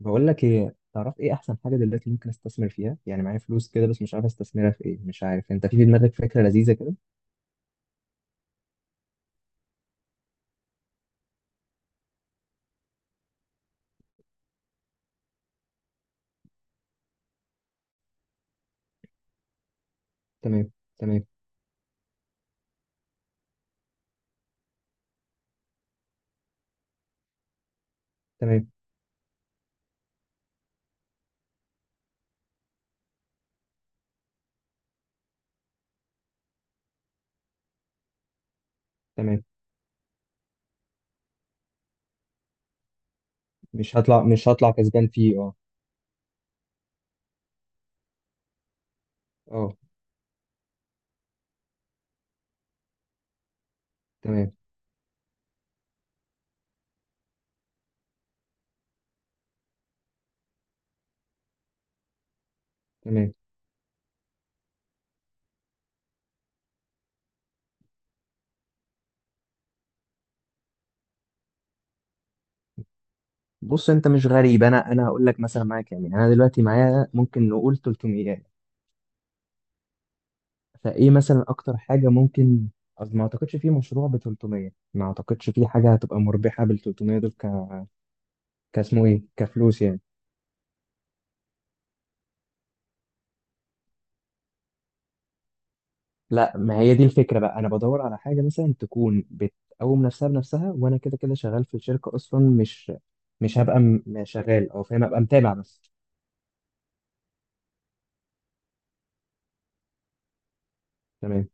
بقول لك ايه، تعرف ايه احسن حاجه دلوقتي ممكن استثمر فيها؟ يعني معايا فلوس كده بس مش عارف استثمرها في ايه. مش عارف انت، في دماغك فكره لذيذه كده؟ تمام. تمام. تمام. تمام. مش هطلع كسبان فيه، اه. اه. تمام. تمام. بص انت مش غريب، انا هقول لك مثلا معايا كام. يعني انا دلوقتي معايا ممكن نقول 300. فايه مثلا اكتر حاجه ممكن؟ قصدي ما اعتقدش في مشروع ب 300، ما اعتقدش في حاجه هتبقى مربحه بال 300 دول. كاسمه ايه، كفلوس يعني. لا، ما هي دي الفكرة بقى. أنا بدور على حاجة مثلا تكون بتقوم نفسها بنفسها، وأنا كده كده شغال في الشركة أصلا. مش هبقى شغال، أو فاهم أبقى متابع بس. تمام.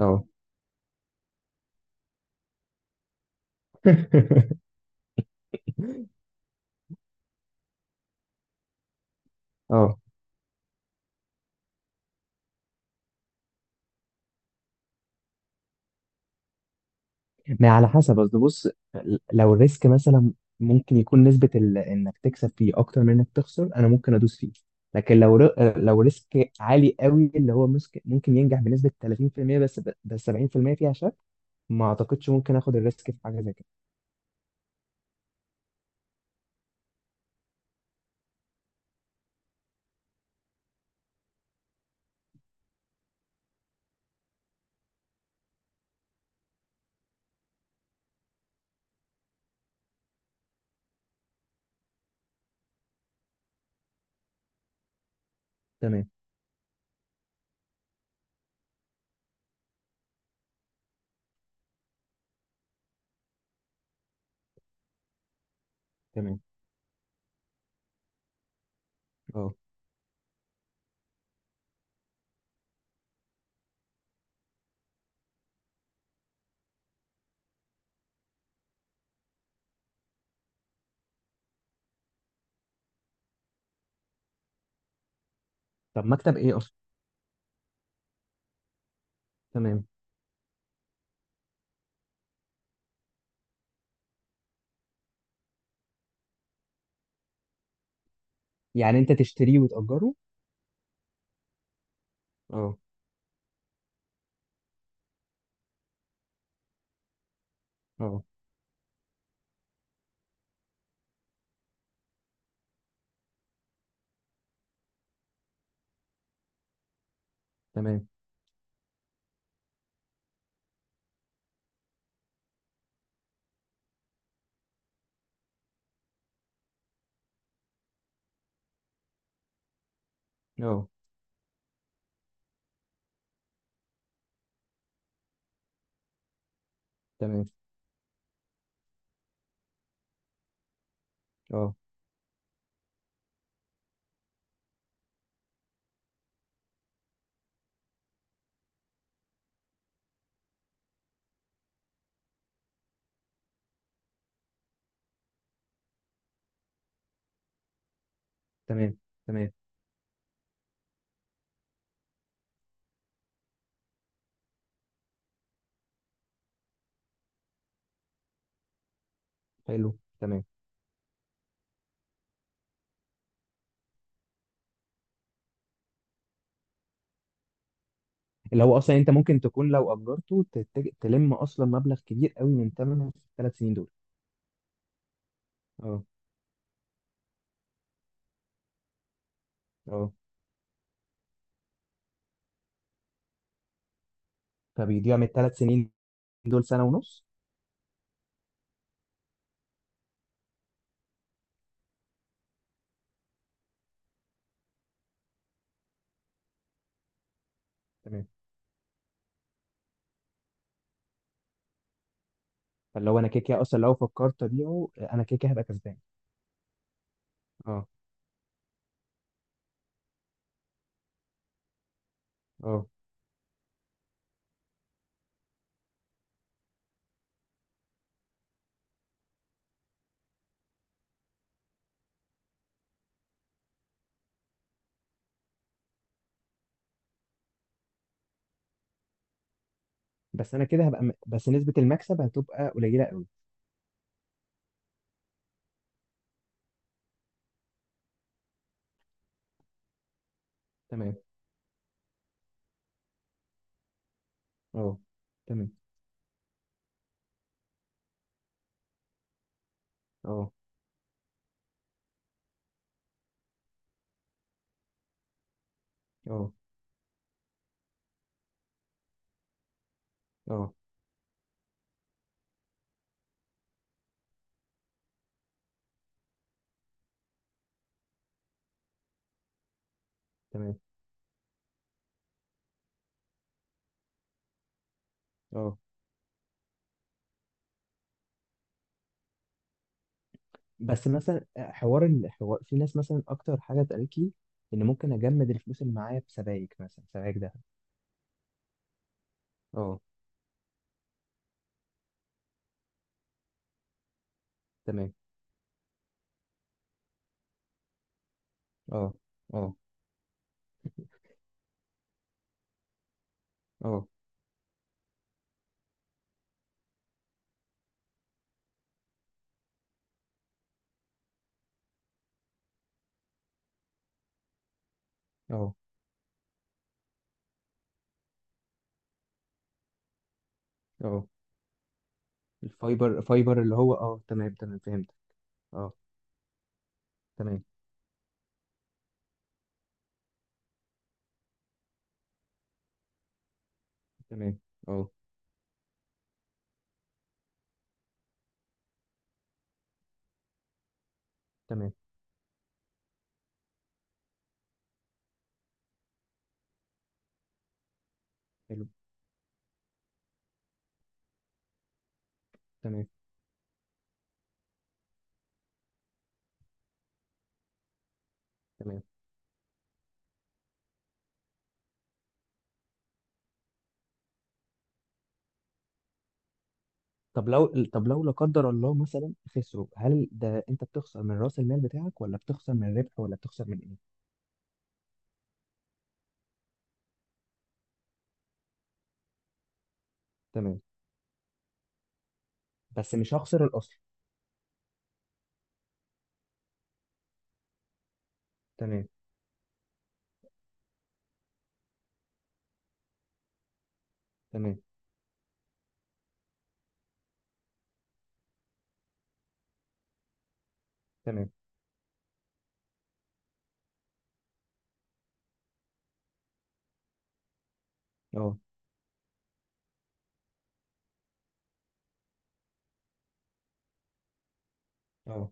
أه. أه. ما على حسب، قصدي بص. لو الريسك مثلا ممكن يكون نسبة إنك تكسب فيه أكتر من إنك تخسر، أنا ممكن أدوس فيه. لكن لو لو ريسك عالي قوي، اللي هو ممكن ينجح بنسبة 30%، بس 70% فيها شك. ما أعتقدش ممكن آخد الريسك في حاجة زي كده. تمام. تمام. اه. طب مكتب ايه اصلا؟ تمام. يعني انت تشتريه وتأجره؟ اه. اه. تمام. اه. تمام. اه. تمام. تمام. حلو. تمام. اللي هو اصلا انت ممكن تكون لو اجرته تلم اصلا مبلغ كبير قوي من ثمنه في الثلاث سنين دول. اه. اه. فبيضيع من الثلاث سنين دول سنه ونص. تمام. فاللي هو انا كده كده اصلا لو فكرت ابيعه، انا كده كده هبقى كسبان. اه. اه. بس انا كده هبقى بس نسبه المكسب هتبقى قليله قوي. تمام. اه. تمام. اه. اه. اه. تمام. اه. بس مثلا حوار الحوار، في ناس مثلا اكتر حاجه اتقالت لي ان ممكن اجمد الفلوس اللي معايا في سبائك، مثلا سبائك ده. اه. تمام. اه. اه. اه. اه. اه. الفايبر، فايبر اللي هو، اه تمام تمام فهمت. اه. تمام. تمام. اه. تمام. حلو. تمام. تمام. طب لو لا قدر الله مثلا خسروا، هل ده انت بتخسر من راس المال بتاعك، ولا بتخسر من الربح، ولا بتخسر من ايه؟ تمام. بس مش هخسر الاصل؟ تمام. تمام. تمام. اه. اه.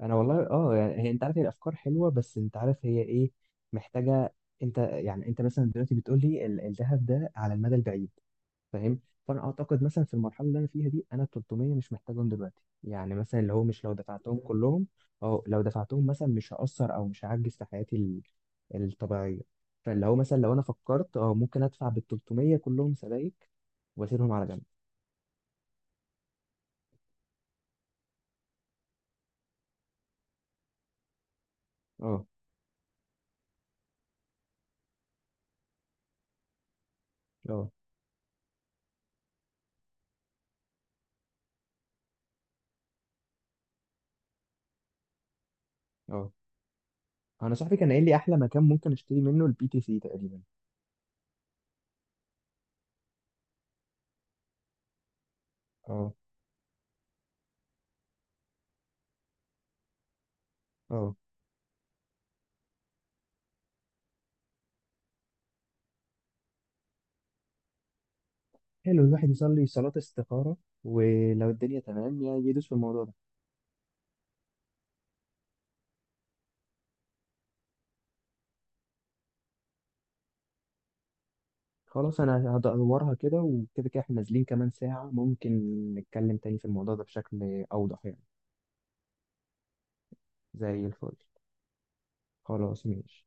انا والله اه، يعني هي انت عارف هي الافكار حلوه، بس انت عارف هي ايه؟ محتاجه. انت يعني انت مثلا دلوقتي بتقول لي الذهب ده على المدى البعيد. فاهم. فانا اعتقد مثلا في المرحله اللي انا فيها دي، انا 300 مش محتاجهم دلوقتي، يعني مثلا اللي هو، مش لو دفعتهم كلهم. اه. لو دفعتهم مثلا مش هأثر او مش هعجز في حياتي الطبيعيه. فاللي هو مثلا لو انا فكرت، اه ممكن ادفع بال 300 كلهم سبائك واسيبهم على جنب. اه. اه. اه. انا صاحبي كان قايل لي احلى مكان ممكن اشتري منه البي تي سي تقريبا. اه. اه. حلو. الواحد يصلي صلاة استخارة، ولو الدنيا تمام يدوس في الموضوع ده. خلاص. انا هدورها كده، وكده كده احنا نازلين كمان ساعة، ممكن نتكلم تاني في الموضوع ده بشكل اوضح يعني. زي الفل. خلاص ماشي.